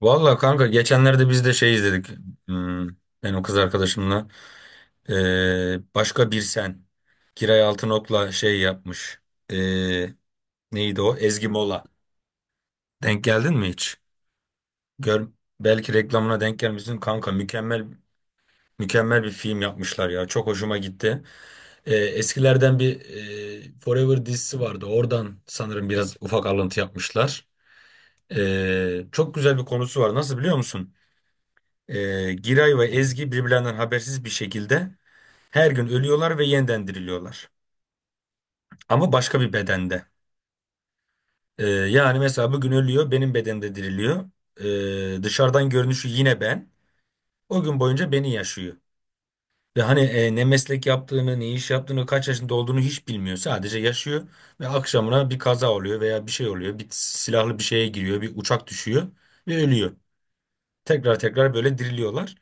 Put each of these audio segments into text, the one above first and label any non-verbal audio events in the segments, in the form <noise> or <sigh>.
Valla kanka geçenlerde biz de şey izledik. Hmm, ben o kız arkadaşımla. Başka bir sen. Kiray Altınok'la şey yapmış. Ee, neydi o? Ezgi Mola. Denk geldin mi hiç? Gör, belki reklamına denk gelmişsin kanka. Mükemmel mükemmel bir film yapmışlar ya. Çok hoşuma gitti. Eskilerden bir Forever dizisi vardı. Oradan sanırım biraz ufak alıntı yapmışlar. Çok güzel bir konusu var. Nasıl biliyor musun? Giray ve Ezgi birbirlerinden habersiz bir şekilde her gün ölüyorlar ve yeniden diriliyorlar. Ama başka bir bedende. Yani mesela bugün ölüyor, benim bedende diriliyor. Dışarıdan görünüşü yine ben. O gün boyunca beni yaşıyor. Ve hani ne meslek yaptığını, ne iş yaptığını, kaç yaşında olduğunu hiç bilmiyor. Sadece yaşıyor ve akşamına bir kaza oluyor veya bir şey oluyor. Bir silahlı bir şeye giriyor, bir uçak düşüyor ve ölüyor. Tekrar tekrar böyle diriliyorlar.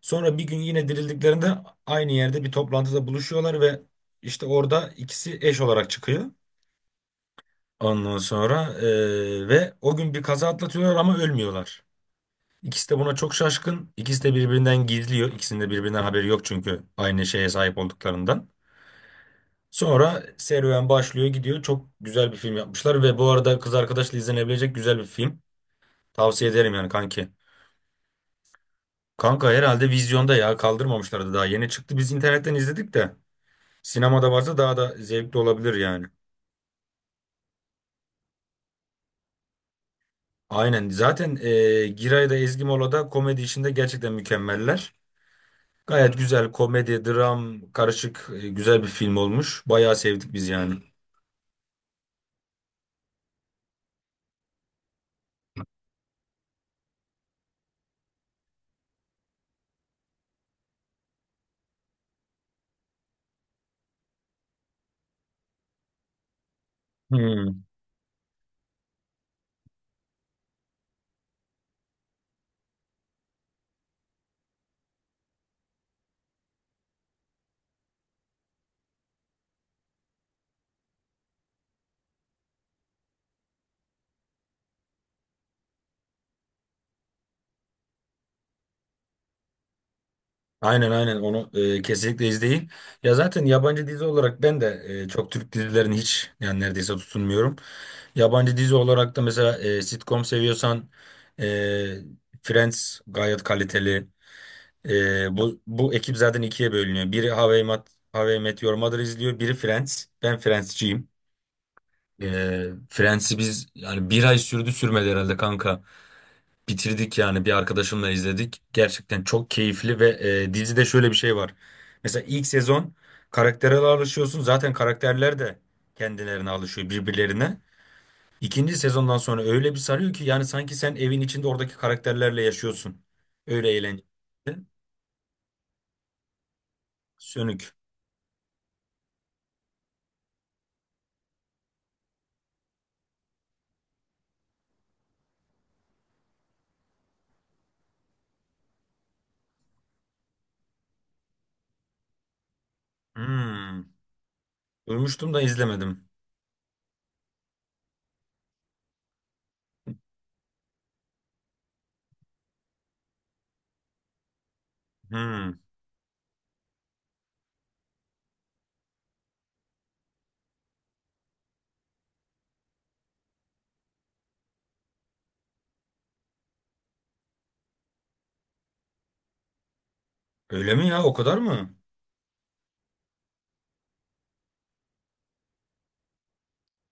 Sonra bir gün yine dirildiklerinde aynı yerde bir toplantıda buluşuyorlar ve işte orada ikisi eş olarak çıkıyor. Ondan sonra ve o gün bir kaza atlatıyorlar ama ölmüyorlar. İkisi de buna çok şaşkın. İkisi de birbirinden gizliyor. İkisinin de birbirinden haberi yok çünkü aynı şeye sahip olduklarından. Sonra serüven başlıyor gidiyor. Çok güzel bir film yapmışlar ve bu arada kız arkadaşla izlenebilecek güzel bir film. Tavsiye ederim yani kanki. Kanka herhalde vizyonda ya kaldırmamışlardı, daha yeni çıktı. Biz internetten izledik de. Sinemada varsa daha da zevkli olabilir yani. Aynen. Zaten Giray da Ezgi Mola da komedi işinde gerçekten mükemmeller. Gayet güzel komedi, dram, karışık güzel bir film olmuş. Bayağı sevdik biz yani. Hmm. Aynen aynen onu kesinlikle izleyin. Ya zaten yabancı dizi olarak ben de çok Türk dizilerini hiç yani neredeyse tutunmuyorum. Yabancı dizi olarak da mesela sitcom seviyorsan e, Friends gayet kaliteli. Bu ekip zaten ikiye bölünüyor. Biri How I Met Your Mother izliyor. Biri Friends. Ben Friends'ciyim. Friends'i biz yani bir ay sürdü sürmedi herhalde kanka. Bitirdik yani bir arkadaşımla izledik. Gerçekten çok keyifli ve dizide şöyle bir şey var. Mesela ilk sezon karaktere alışıyorsun. Zaten karakterler de kendilerine alışıyor birbirlerine. İkinci sezondan sonra öyle bir sarıyor ki yani sanki sen evin içinde oradaki karakterlerle yaşıyorsun. Öyle eğlenceli. Sönük. Hmm. Duymuştum da izlemedim. Hmm. Öyle mi ya? O kadar mı?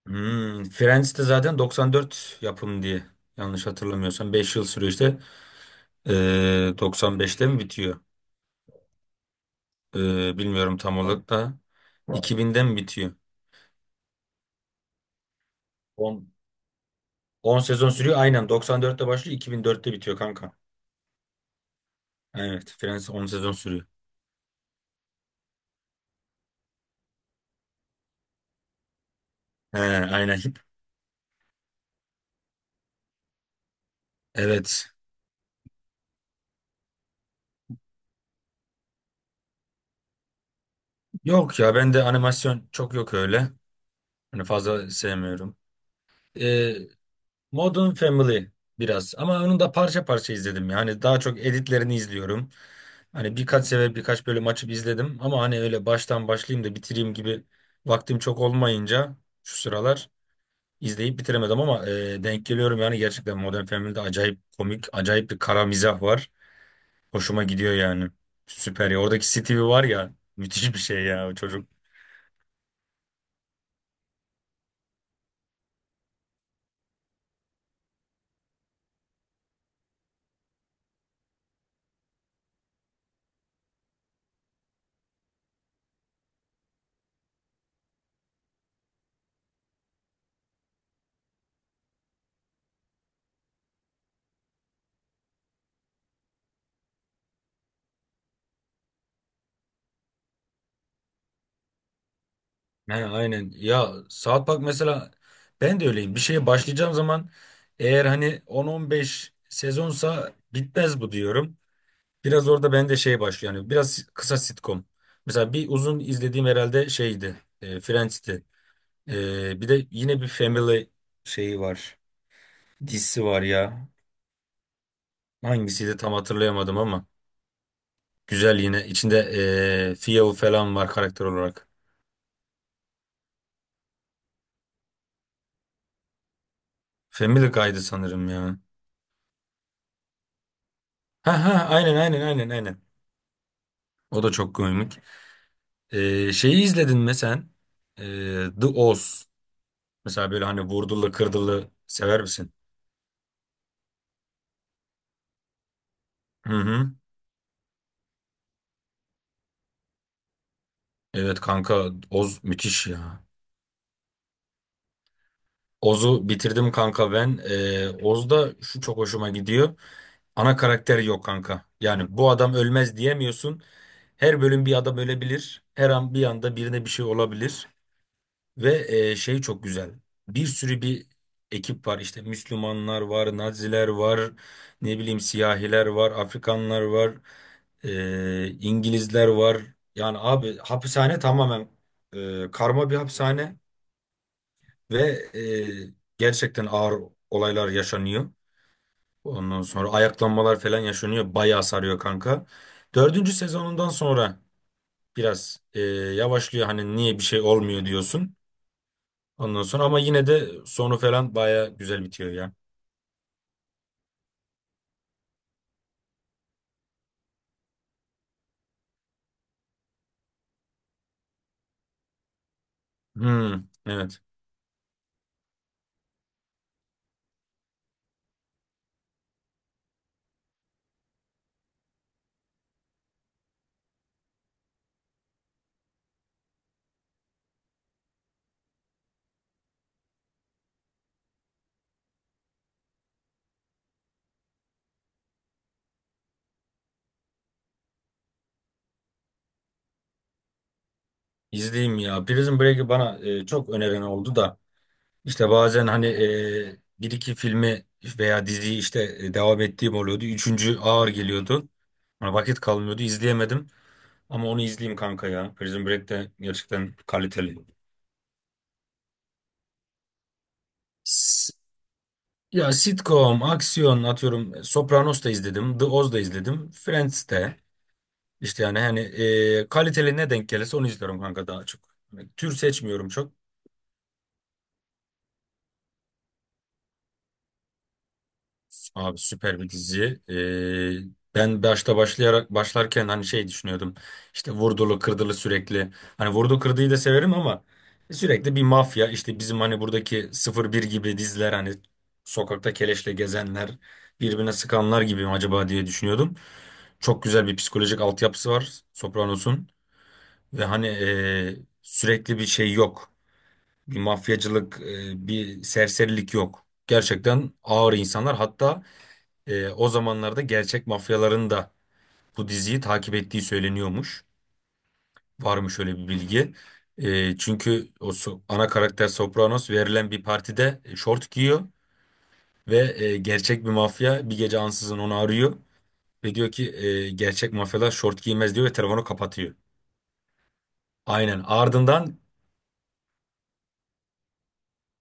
Hmm. Friends de zaten 94 yapım diye. Yanlış hatırlamıyorsam 5 yıl sürüyor işte. 95'te mi bitiyor? Bilmiyorum tam olarak da. 2000'de mi bitiyor? 10, 10 sezon sürüyor. Aynen 94'te başlıyor, 2004'te bitiyor kanka. Evet, Friends 10 sezon sürüyor. He, aynen. <laughs> Evet. Yok ya, ben de animasyon çok yok öyle. Hani fazla sevmiyorum. Modern Family biraz ama onu da parça parça izledim. Yani daha çok editlerini izliyorum. Hani birkaç sefer birkaç bölüm açıp izledim ama hani öyle baştan başlayayım da bitireyim gibi vaktim çok olmayınca şu sıralar izleyip bitiremedim ama denk geliyorum yani. Gerçekten Modern Family'de acayip komik, acayip bir kara mizah var. Hoşuma gidiyor yani. Süper ya. Oradaki Stevie var ya, müthiş bir şey ya o çocuk. He, aynen. Ya South Park mesela, ben de öyleyim. Bir şeye başlayacağım zaman eğer hani 10-15 sezonsa bitmez bu diyorum. Biraz orada ben de şey başlıyor. Yani biraz kısa sitcom. Mesela bir uzun izlediğim herhalde şeydi. Friends'ti. Bir de yine bir Family şeyi var. Dizisi var ya. Hangisiydi tam hatırlayamadım ama. Güzel yine. İçinde Theo falan var karakter olarak. Family Guy'dı sanırım ya. Ha ha, aynen aynen aynen aynen. O da çok komik. Şeyi izledin mi sen? Ee, The Oz. Mesela böyle hani vurdulu kırdılı sever misin? Hı hı. Evet kanka, Oz müthiş ya. Oz'u bitirdim kanka ben. Oz'da şu çok hoşuma gidiyor. Ana karakter yok kanka. Yani bu adam ölmez diyemiyorsun. Her bölüm bir adam ölebilir. Her an bir anda birine bir şey olabilir. Ve şey çok güzel. Bir sürü ekip var. İşte Müslümanlar var, Naziler var, ne bileyim siyahiler var, Afrikanlar var, İngilizler var. Yani abi hapishane tamamen karma bir hapishane ve gerçekten ağır olaylar yaşanıyor. Ondan sonra ayaklanmalar falan yaşanıyor. Bayağı sarıyor kanka. Dördüncü sezonundan sonra biraz yavaşlıyor. Hani niye bir şey olmuyor diyorsun. Ondan sonra ama yine de sonu falan baya güzel bitiyor ya. Hmm, evet. İzleyeyim ya. Prison Break'i bana çok öneren oldu da işte bazen hani bir iki filmi veya diziyi işte devam ettiğim oluyordu. Üçüncü ağır geliyordu. Bana vakit kalmıyordu. İzleyemedim. Ama onu izleyeyim kanka ya. Prison Break de gerçekten kaliteli. S- Ya sitcom, aksiyon atıyorum. Sopranos da izledim. The Oz da izledim. Friends de. İşte yani hani kaliteli ne denk gelirse onu izliyorum kanka daha çok. Hani tür seçmiyorum çok. Abi süper bir dizi. Ben başta başlayarak başlarken hani şey düşünüyordum. İşte vurdulu kırdılı sürekli. Hani vurdu kırdıyı da severim ama sürekli bir mafya işte, bizim hani buradaki sıfır bir gibi diziler hani sokakta keleşle gezenler, birbirine sıkanlar gibi mi acaba diye düşünüyordum. Çok güzel bir psikolojik altyapısı var Sopranos'un ve hani sürekli bir şey yok. Bir mafyacılık, bir serserilik yok. Gerçekten ağır insanlar. Hatta o zamanlarda gerçek mafyaların da bu diziyi takip ettiği söyleniyormuş. Var mı şöyle bir bilgi? Çünkü o ana karakter Sopranos verilen bir partide şort giyiyor ve gerçek bir mafya bir gece ansızın onu arıyor ve diyor ki gerçek mafyalar şort giymez diyor ve telefonu kapatıyor. Aynen. Ardından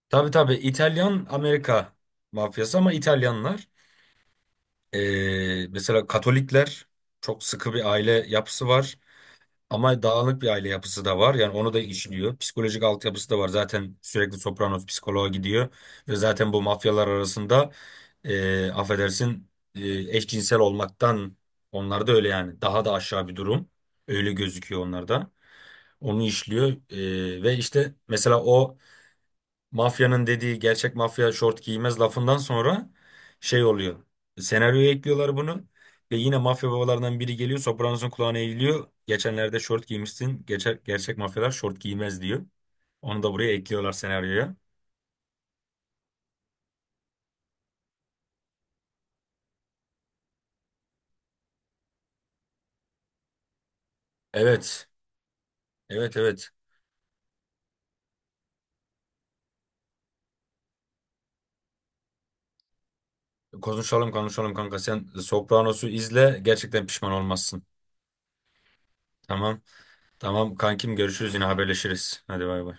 tabii tabii İtalyan Amerika mafyası ama İtalyanlar. Mesela Katolikler çok sıkı bir aile yapısı var ama dağınık bir aile yapısı da var. Yani onu da işliyor. Psikolojik altyapısı da var. Zaten sürekli Sopranos psikoloğa gidiyor ve zaten bu mafyalar arasında affedersin, e, eşcinsel olmaktan, onlar da öyle yani daha da aşağı bir durum. Öyle gözüküyor onlarda. Onu işliyor. Ve işte mesela o mafyanın dediği gerçek mafya şort giymez lafından sonra şey oluyor. Senaryoya ekliyorlar bunu. Ve yine mafya babalarından biri geliyor. Sopranos'un kulağına eğiliyor. Geçenlerde şort giymişsin. Gerçek, gerçek mafyalar şort giymez diyor. Onu da buraya ekliyorlar senaryoya. Evet. Evet evet. Konuşalım konuşalım kanka. Sen Sopranos'u izle. Gerçekten pişman olmazsın. Tamam. Tamam kankim, görüşürüz, yine haberleşiriz. Hadi bay bay.